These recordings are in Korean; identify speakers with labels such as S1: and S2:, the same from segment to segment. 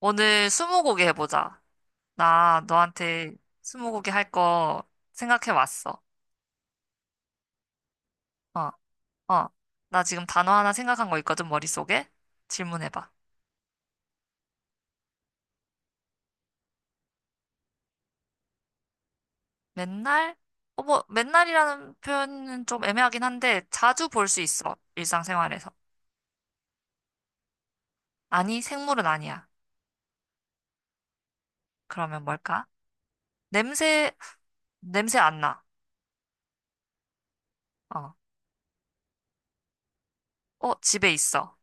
S1: 오늘 스무고개 해보자. 나 너한테 스무고개 할 거 생각해왔어. 어, 어. 나 지금 단어 하나 생각한 거 있거든, 머릿속에. 질문해봐. 맨날? 어, 뭐, 맨날이라는 표현은 좀 애매하긴 한데, 자주 볼 수 있어, 일상생활에서. 아니, 생물은 아니야. 그러면 뭘까? 냄새, 냄새 안 나. 어, 어, 집에 있어.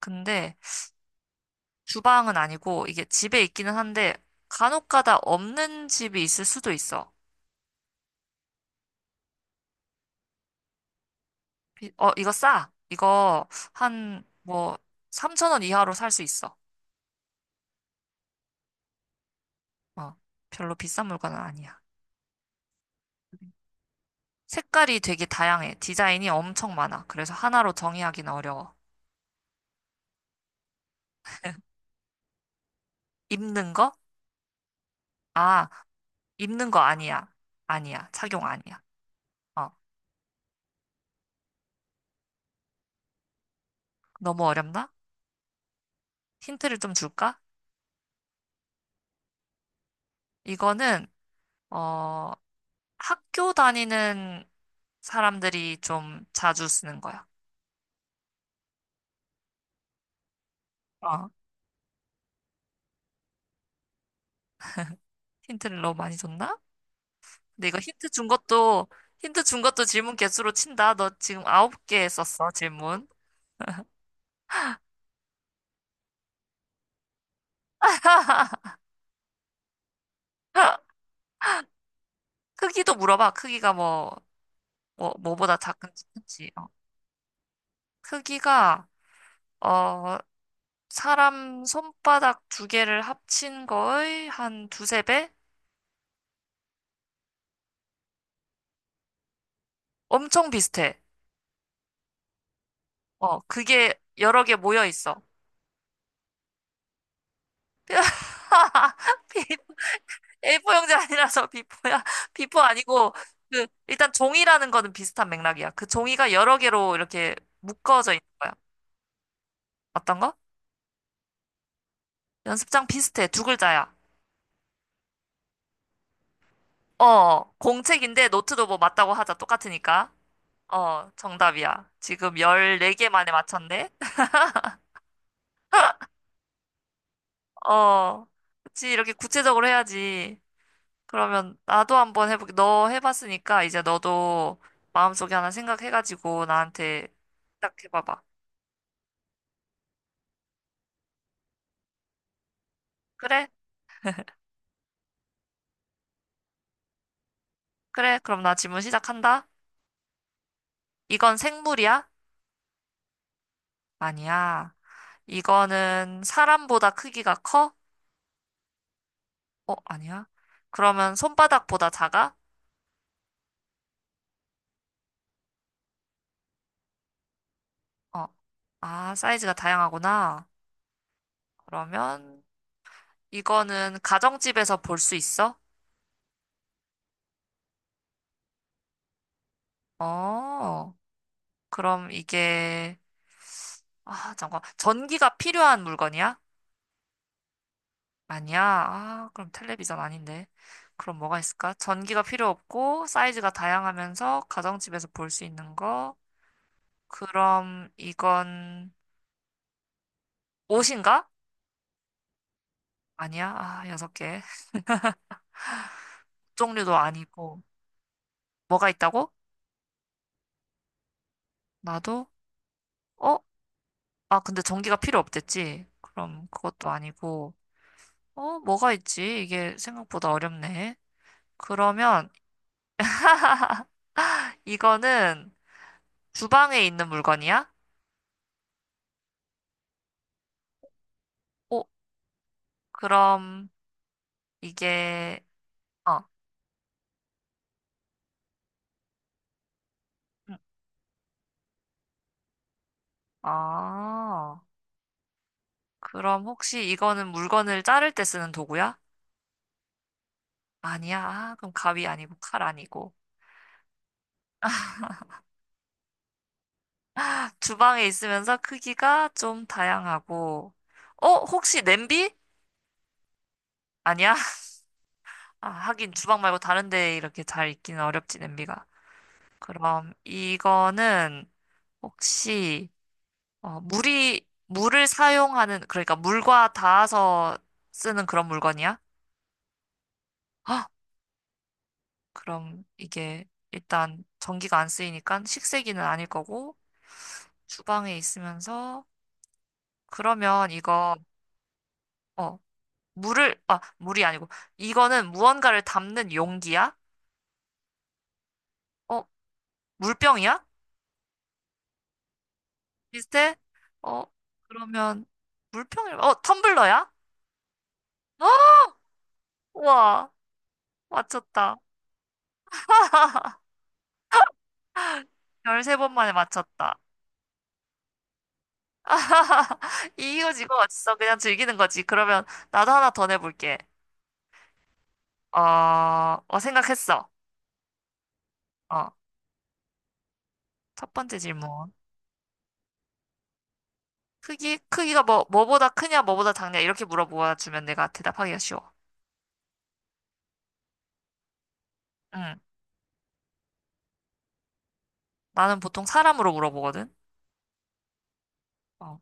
S1: 근데 주방은 아니고, 이게 집에 있기는 한데, 간혹 가다 없는 집이 있을 수도 있어. 어, 이거 싸. 이거 한 뭐 3천 원 이하로 살 수 있어. 어, 별로 비싼 물건은 아니야. 색깔이 되게 다양해. 디자인이 엄청 많아. 그래서 하나로 정의하기는 어려워. 입는 거? 아, 입는 거 아니야. 아니야. 착용 아니야. 어, 너무 어렵나? 힌트를 좀 줄까? 이거는 어, 학교 다니는 사람들이 좀 자주 쓰는 거야. 어, 힌트를 너무 많이 줬나? 근데 이거 힌트 준 것도, 힌트 준 것도 질문 개수로 친다. 너 지금 아홉 개 썼어, 질문. 아, 크기도 물어봐. 크기가 뭐보다 작은지 큰지. 어. 크기가, 어, 사람 손바닥 두 개를 합친 거의 한 두세 배? 엄청 비슷해. 어, 그게 여러 개 모여 있어. 비- A4 형제 아니라서 비포야. 비포 아니고, 그, 일단 종이라는 거는 비슷한 맥락이야. 그 종이가 여러 개로 이렇게 묶어져 있는 거야. 어떤 거? 연습장 비슷해. 두 글자야. 어, 공책인데 노트도 뭐 맞다고 하자. 똑같으니까. 어, 정답이야. 지금 14개 만에 맞췄네? 어, 그치. 이렇게 구체적으로 해야지. 그러면 나도 한번 해볼게. 너 해봤으니까 이제 너도 마음속에 하나 생각해가지고 나한테 시작해봐봐. 그래? 그래. 그럼 나 질문 시작한다. 이건 생물이야? 아니야. 이거는 사람보다 크기가 커? 어, 아니야. 그러면 손바닥보다 작아? 어. 아, 사이즈가 다양하구나. 그러면 이거는 가정집에서 볼 수 있어? 어, 그럼 이게, 아, 잠깐. 전기가 필요한 물건이야? 아니야. 아, 그럼 텔레비전 아닌데. 그럼 뭐가 있을까? 전기가 필요 없고, 사이즈가 다양하면서 가정집에서 볼 수 있는 거. 그럼 이건 옷인가? 아니야. 아, 여섯 개. 종류도 아니고. 뭐가 있다고? 나도? 어? 아, 근데 전기가 필요 없댔지? 그럼 그것도 아니고. 어, 뭐가 있지? 이게 생각보다 어렵네. 그러면 이거는 주방에 있는 물건이야? 어, 그럼 이게, 어, 음, 아, 그럼 혹시 이거는 물건을 자를 때 쓰는 도구야? 아니야. 아, 그럼 가위 아니고 칼 아니고. 주방에 있으면서 크기가 좀 다양하고. 어, 혹시 냄비? 아니야? 아, 하긴 주방 말고 다른 데 이렇게 잘 있기는 어렵지, 냄비가. 그럼 이거는 혹시 어, 물이 물을 사용하는 그러니까 물과 닿아서 쓰는 그런 물건이야? 아, 그럼 이게 일단 전기가 안 쓰이니까 식세기는 아닐 거고 주방에 있으면서 그러면 이거 어 물을 아 물이 아니고 이거는 무언가를 담는 용기야? 어 물병이야? 비슷해? 어 그러면 물병이 어 텀블러야? 아 우와 맞췄다. 13번 만에 맞췄다. 이유지가 어딨어? 그냥 즐기는 거지. 그러면 나도 하나 더 내볼게. 어, 어, 생각했어. 어, 첫 번째 질문. 크기가 뭐, 뭐보다 크냐, 뭐보다 작냐, 이렇게 물어보아 주면 내가 대답하기가 쉬워. 응. 나는 보통 사람으로 물어보거든. 어,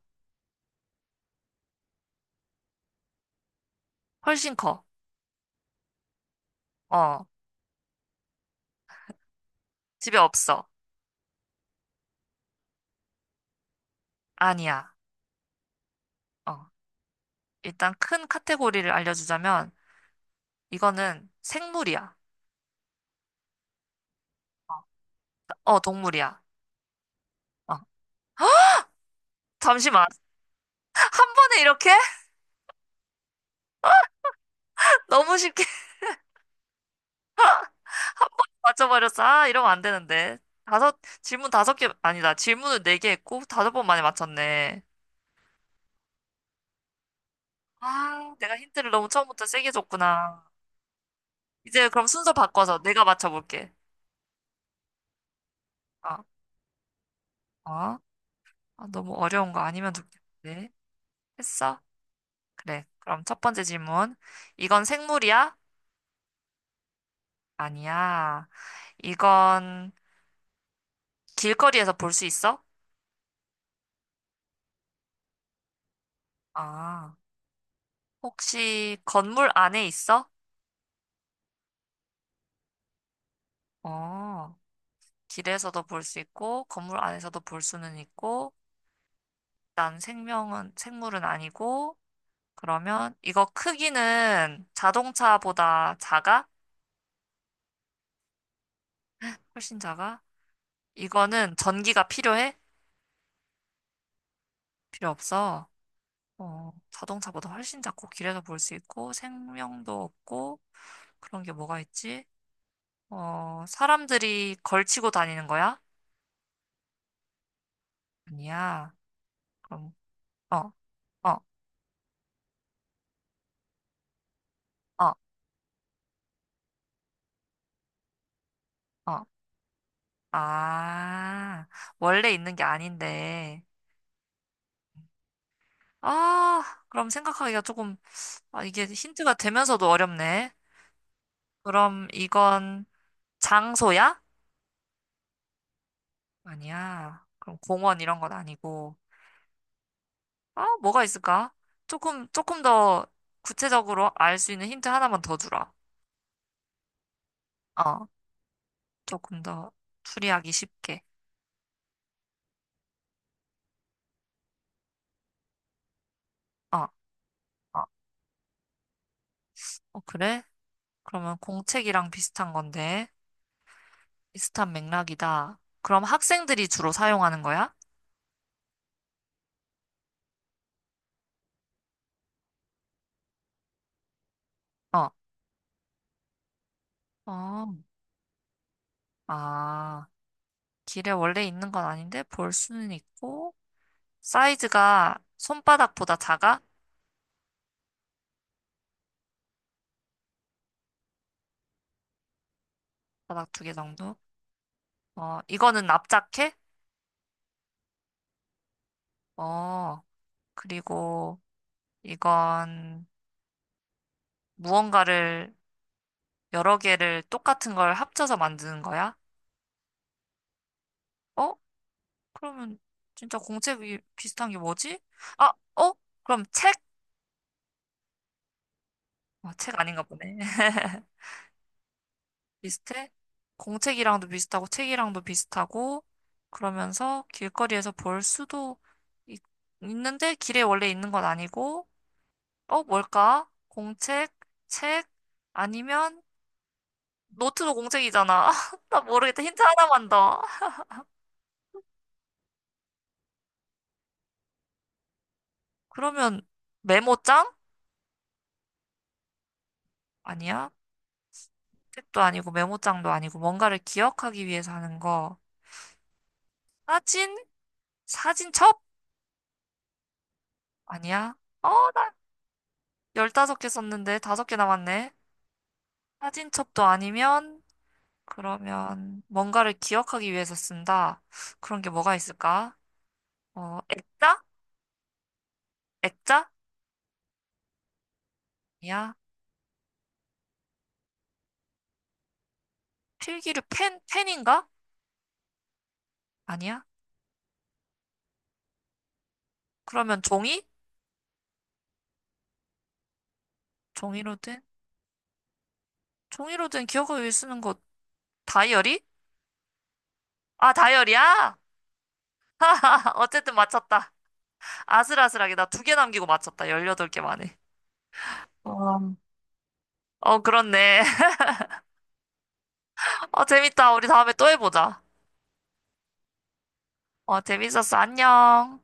S1: 훨씬 커. 어, 집에 없어. 아니야. 어, 일단 큰 카테고리를 알려주자면, 이거는 생물이야. 어, 어, 동물이야. 어, 잠시만. 한 번에 이렇게? 너무 쉽게 맞춰버렸어. 아, 이러면 안 되는데. 다섯, 질문 다섯 개, 아니다. 질문을 네 개 했고, 다섯 번 만에 맞췄네. 아, 내가 힌트를 너무 처음부터 세게 줬구나. 이제 그럼 순서 바꿔서 내가 맞춰볼게. 아, 어? 아, 너무 어려운 거 아니면 좋겠는데. 했어? 그래. 그럼 첫 번째 질문. 이건 생물이야? 아니야. 이건 길거리에서 볼 수 있어? 아, 혹시 건물 안에 있어? 어. 길에서도 볼 수 있고, 건물 안에서도 볼 수는 있고, 난 생물은 아니고, 그러면 이거 크기는 자동차보다 작아? 훨씬 작아? 이거는 전기가 필요해? 필요 없어. 어, 자동차보다 훨씬 작고, 길에서 볼 수 있고, 생명도 없고, 그런 게 뭐가 있지? 어, 사람들이 걸치고 다니는 거야? 아니야. 그럼, 어, 어, 어, 어. 아, 원래 있는 게 아닌데. 아, 그럼 생각하기가 조금, 아, 이게 힌트가 되면서도 어렵네. 그럼 이건 장소야? 아니야. 그럼 공원 이런 건 아니고. 아, 뭐가 있을까? 조금 더 구체적으로 알 수 있는 힌트 하나만 더 주라. 어, 조금 더 추리하기 쉽게. 어, 어, 어, 그래? 그러면 공책이랑 비슷한 건데, 비슷한 맥락이다. 그럼 학생들이 주로 사용하는 거야? 어, 어, 아. 길에 원래 있는 건 아닌데 볼 수는 있고 사이즈가 손바닥보다 작아? 바닥 두 개 정도? 어, 이거는 납작해? 어, 그리고 이건 무언가를 여러 개를 똑같은 걸 합쳐서 만드는 거야? 어? 그러면 진짜 공책이 비슷한 게 뭐지? 아, 어? 그럼 책? 어, 책 아닌가 보네. 비슷해? 공책이랑도 비슷하고 책이랑도 비슷하고 그러면서 길거리에서 볼 수도 있, 는데 길에 원래 있는 건 아니고 어 뭘까? 공책, 책 아니면 노트도 공책이잖아. 나 모르겠다. 힌트 하나만 더. 그러면 메모장? 아니야. 책도 아니고 메모장도 아니고 뭔가를 기억하기 위해서 하는 거. 사진? 사진첩? 아니야. 어, 나 15개 썼는데 다섯 개 남았네. 사진첩도 아니면 그러면 뭔가를 기억하기 위해서 쓴다. 그런 게 뭐가 있을까? 어, 액자? 액자? 아니야. 필기류 펜, 펜인가? 아니야. 그러면 종이? 종이로 된? 종이로 된 기억을 위해 쓰는 거 다이어리? 아, 다이어리야? 어쨌든 맞췄다. 아슬아슬하게 나 두 개 남기고 맞췄다. 18개 만에. 어, 어, 그렇네. 어, 재밌다. 우리 다음에 또 해보자. 어, 재밌었어. 안녕.